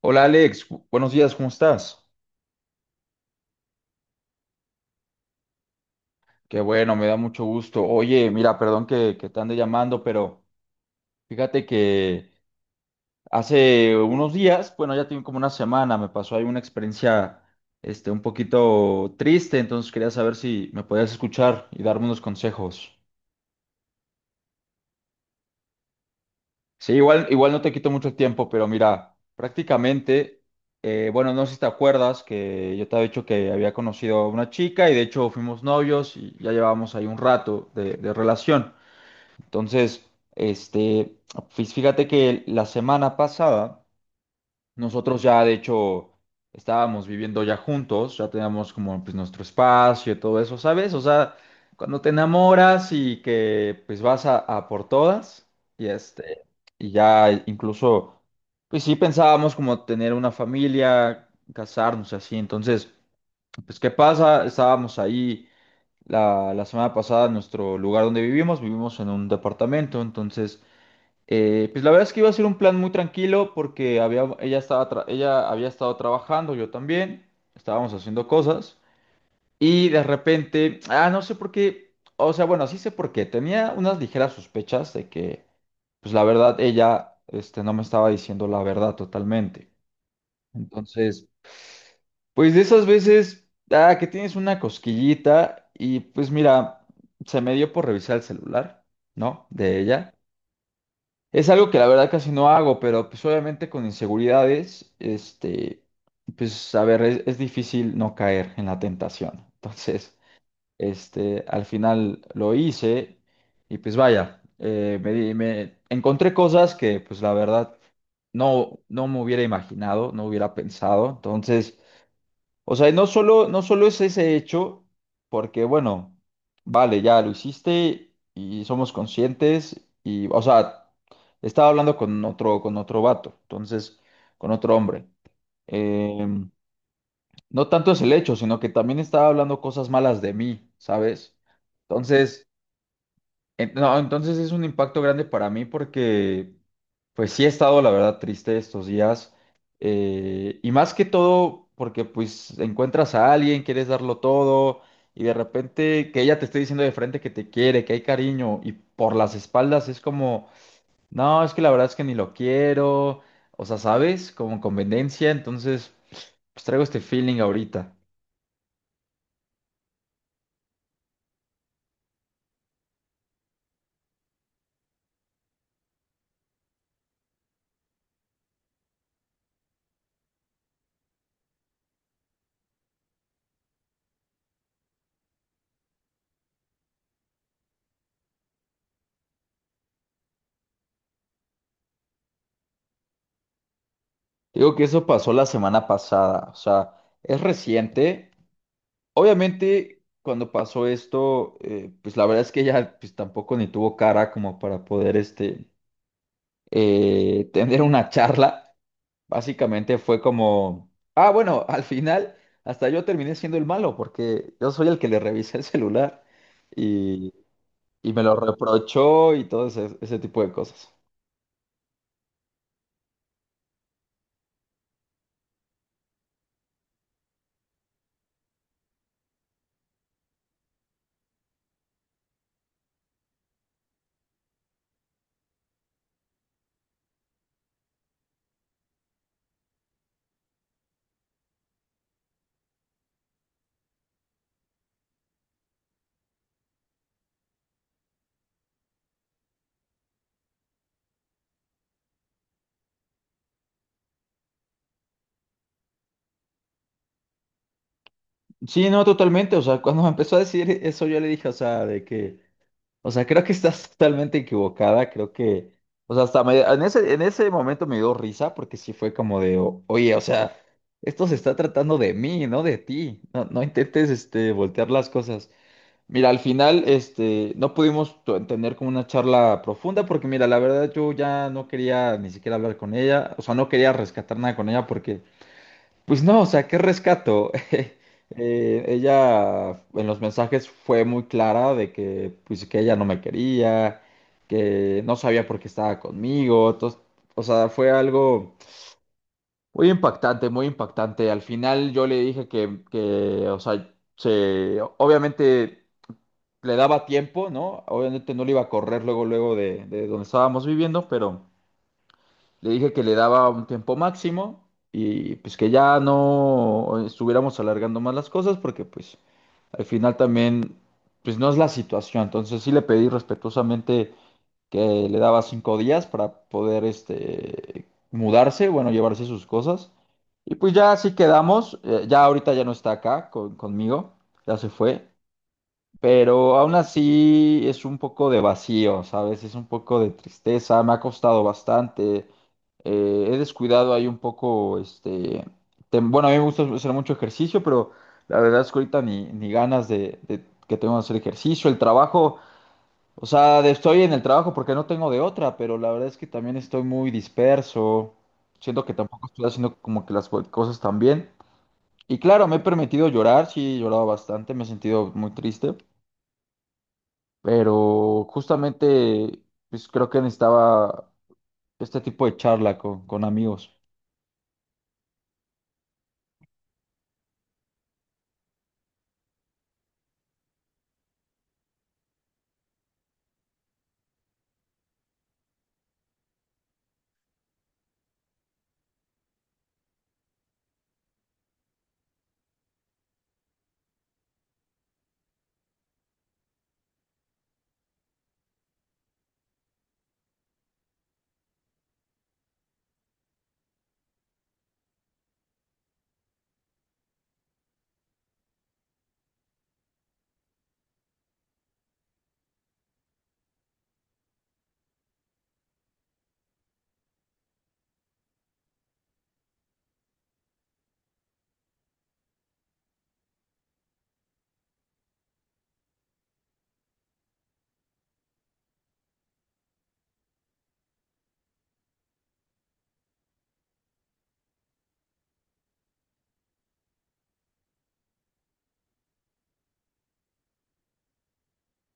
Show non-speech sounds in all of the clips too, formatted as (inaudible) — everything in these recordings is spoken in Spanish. Hola Alex, buenos días, ¿cómo estás? Qué bueno, me da mucho gusto. Oye, mira, perdón que te ande llamando, pero fíjate que hace unos días, bueno, ya tiene como una semana, me pasó ahí una experiencia un poquito triste, entonces quería saber si me podías escuchar y darme unos consejos. Sí, igual, igual no te quito mucho tiempo, pero mira, prácticamente, bueno, no sé si te acuerdas que yo te había dicho que había conocido a una chica y de hecho fuimos novios y ya llevábamos ahí un rato de relación. Entonces, este, fíjate que la semana pasada, nosotros ya de hecho estábamos viviendo ya juntos, ya teníamos como pues nuestro espacio y todo eso, ¿sabes? O sea, cuando te enamoras y que pues vas a por todas y y ya incluso, pues sí pensábamos como tener una familia, casarnos así, entonces, pues ¿qué pasa? Estábamos ahí la semana pasada en nuestro lugar donde vivimos, vivimos en un departamento, entonces pues la verdad es que iba a ser un plan muy tranquilo porque había, ella estaba ella había estado trabajando, yo también, estábamos haciendo cosas y de repente, ah, no sé por qué, o sea, bueno, sí sé por qué, tenía unas ligeras sospechas de que, pues la verdad, ella, no me estaba diciendo la verdad totalmente. Entonces, pues de esas veces, ah, que tienes una cosquillita y pues mira, se me dio por revisar el celular, ¿no? De ella. Es algo que la verdad casi no hago, pero pues obviamente con inseguridades, pues a ver, es difícil no caer en la tentación. (laughs) Entonces, al final lo hice y pues vaya, me encontré cosas que pues la verdad no me hubiera imaginado, no hubiera pensado. Entonces, o sea, y no solo, no solo es ese hecho, porque bueno, vale, ya lo hiciste y somos conscientes y, o sea, estaba hablando con otro vato, entonces, con otro hombre. Em, no tanto es el hecho, sino que también estaba hablando cosas malas de mí, ¿sabes? Entonces, No, entonces es un impacto grande para mí porque, pues sí he estado, la verdad, triste estos días. Y más que todo porque, pues, encuentras a alguien, quieres darlo todo y de repente que ella te esté diciendo de frente que te quiere, que hay cariño y por las espaldas es como, no, es que la verdad es que ni lo quiero. O sea, ¿sabes? Como conveniencia. Entonces, pues traigo este feeling ahorita. Digo que eso pasó la semana pasada. O sea, es reciente. Obviamente, cuando pasó esto, pues la verdad es que ella pues, tampoco ni tuvo cara como para poder tener una charla. Básicamente fue como, ah, bueno, al final hasta yo terminé siendo el malo porque yo soy el que le revisé el celular y, y me lo reprochó y todo ese tipo de cosas. Sí, no, totalmente. O sea, cuando me empezó a decir eso, yo le dije, o sea, de que... O sea, creo que estás (laughs) totalmente equivocada. Creo que, o sea, en en ese momento me dio risa porque sí fue como de, oye, o sea, esto se está tratando de mí, no de ti. No, no intentes, voltear las cosas. Mira, al final, no pudimos tener como una charla profunda porque, mira, la verdad yo ya no quería ni siquiera hablar con ella. O sea, no quería rescatar nada con ella porque pues no, o sea, ¿qué rescato? (laughs) Ella en los mensajes fue muy clara de que, pues, que ella no me quería, que no sabía por qué estaba conmigo. Entonces, o sea, fue algo muy impactante, muy impactante. Al final yo le dije que, o sea, se, obviamente le daba tiempo, ¿no? Obviamente no le iba a correr luego, luego de donde estábamos viviendo, pero... Le dije que le daba un tiempo máximo y pues que ya no estuviéramos alargando más las cosas porque pues al final también pues no es la situación. Entonces sí le pedí respetuosamente que le daba 5 días para poder este mudarse, bueno, llevarse sus cosas. Y pues ya así quedamos. Ya ahorita ya no está acá conmigo, ya se fue. Pero aún así es un poco de vacío, ¿sabes? Es un poco de tristeza, me ha costado bastante. He descuidado ahí un poco, bueno, a mí me gusta hacer mucho ejercicio, pero la verdad es que ahorita ni ganas de que tengo de hacer ejercicio. El trabajo, o sea, estoy en el trabajo porque no tengo de otra, pero la verdad es que también estoy muy disperso. Siento que tampoco estoy haciendo como que las cosas tan bien. Y claro, me he permitido llorar, sí, he llorado bastante, me he sentido muy triste. Pero justamente, pues creo que necesitaba este tipo de charla con amigos.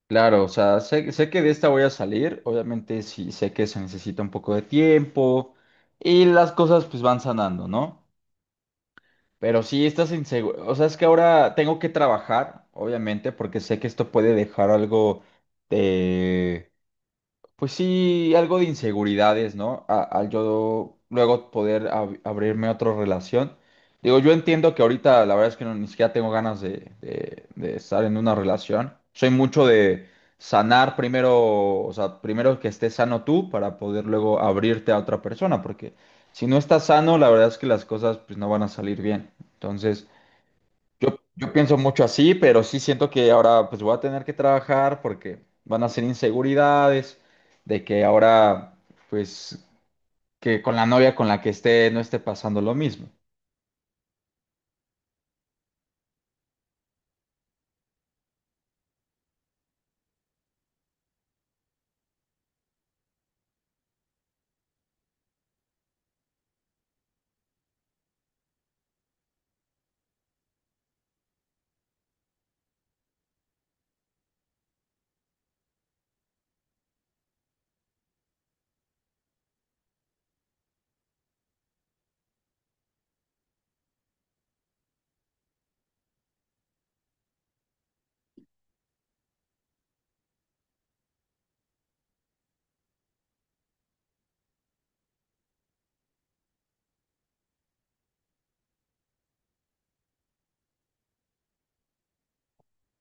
Claro, o sea, sé que de esta voy a salir, obviamente sí sé que se necesita un poco de tiempo y las cosas pues van sanando, ¿no? Pero sí estás inseguro, o sea, es que ahora tengo que trabajar, obviamente, porque sé que esto puede dejar algo. Pues sí, algo de inseguridades, ¿no? Al yo luego poder abrirme a otra relación. Digo, yo entiendo que ahorita la verdad es que no, ni siquiera tengo ganas de, de estar en una relación. Soy mucho de sanar primero, o sea, primero que estés sano tú para poder luego abrirte a otra persona, porque si no estás sano, la verdad es que las cosas pues no van a salir bien. Entonces, yo pienso mucho así, pero sí siento que ahora pues voy a tener que trabajar porque van a ser inseguridades de que ahora pues que con la novia con la que esté no esté pasando lo mismo.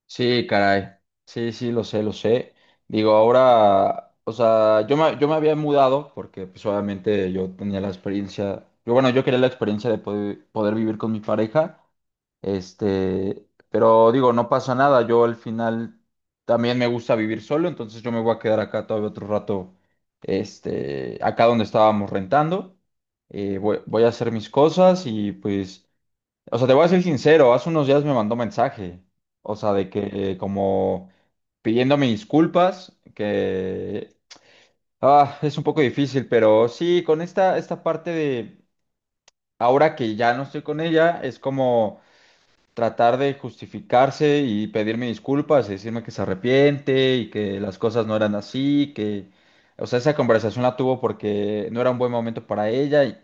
Sí, caray. Sí, sí, lo sé, lo sé. Digo, ahora, o sea, yo me había mudado porque pues obviamente yo tenía la experiencia, yo bueno, yo quería la experiencia de poder, poder vivir con mi pareja. Pero digo, no pasa nada. Yo al final también me gusta vivir solo, entonces yo me voy a quedar acá todavía otro rato, acá donde estábamos rentando. Voy, voy a hacer mis cosas y pues, o sea, te voy a ser sincero, hace unos días me mandó mensaje, o sea, de que como pidiéndome disculpas, que ah, es un poco difícil, pero sí, con esta parte de ahora que ya no estoy con ella, es como tratar de justificarse y pedirme disculpas y decirme que se arrepiente y que las cosas no eran así, que, o sea, esa conversación la tuvo porque no era un buen momento para ella y,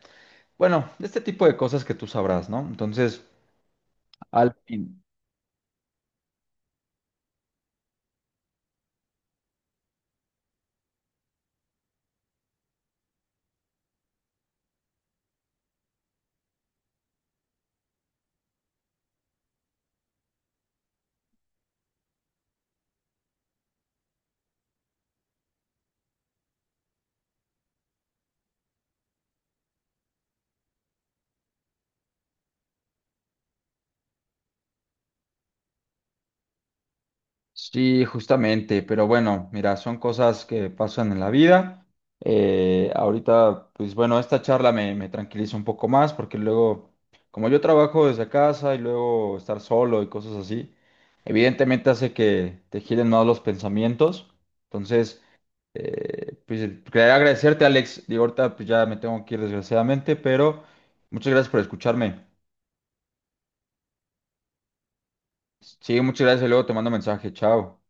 bueno, este tipo de cosas que tú sabrás, ¿no? Entonces, al fin. Sí, justamente, pero bueno, mira, son cosas que pasan en la vida. Ahorita, pues bueno, esta charla me tranquiliza un poco más porque luego, como yo trabajo desde casa y luego estar solo y cosas así, evidentemente hace que te giren más los pensamientos. Entonces, pues quería agradecerte, Alex. Digo, ahorita pues ya me tengo que ir desgraciadamente, pero muchas gracias por escucharme. Sí, muchas gracias y luego te mando mensaje. Chao.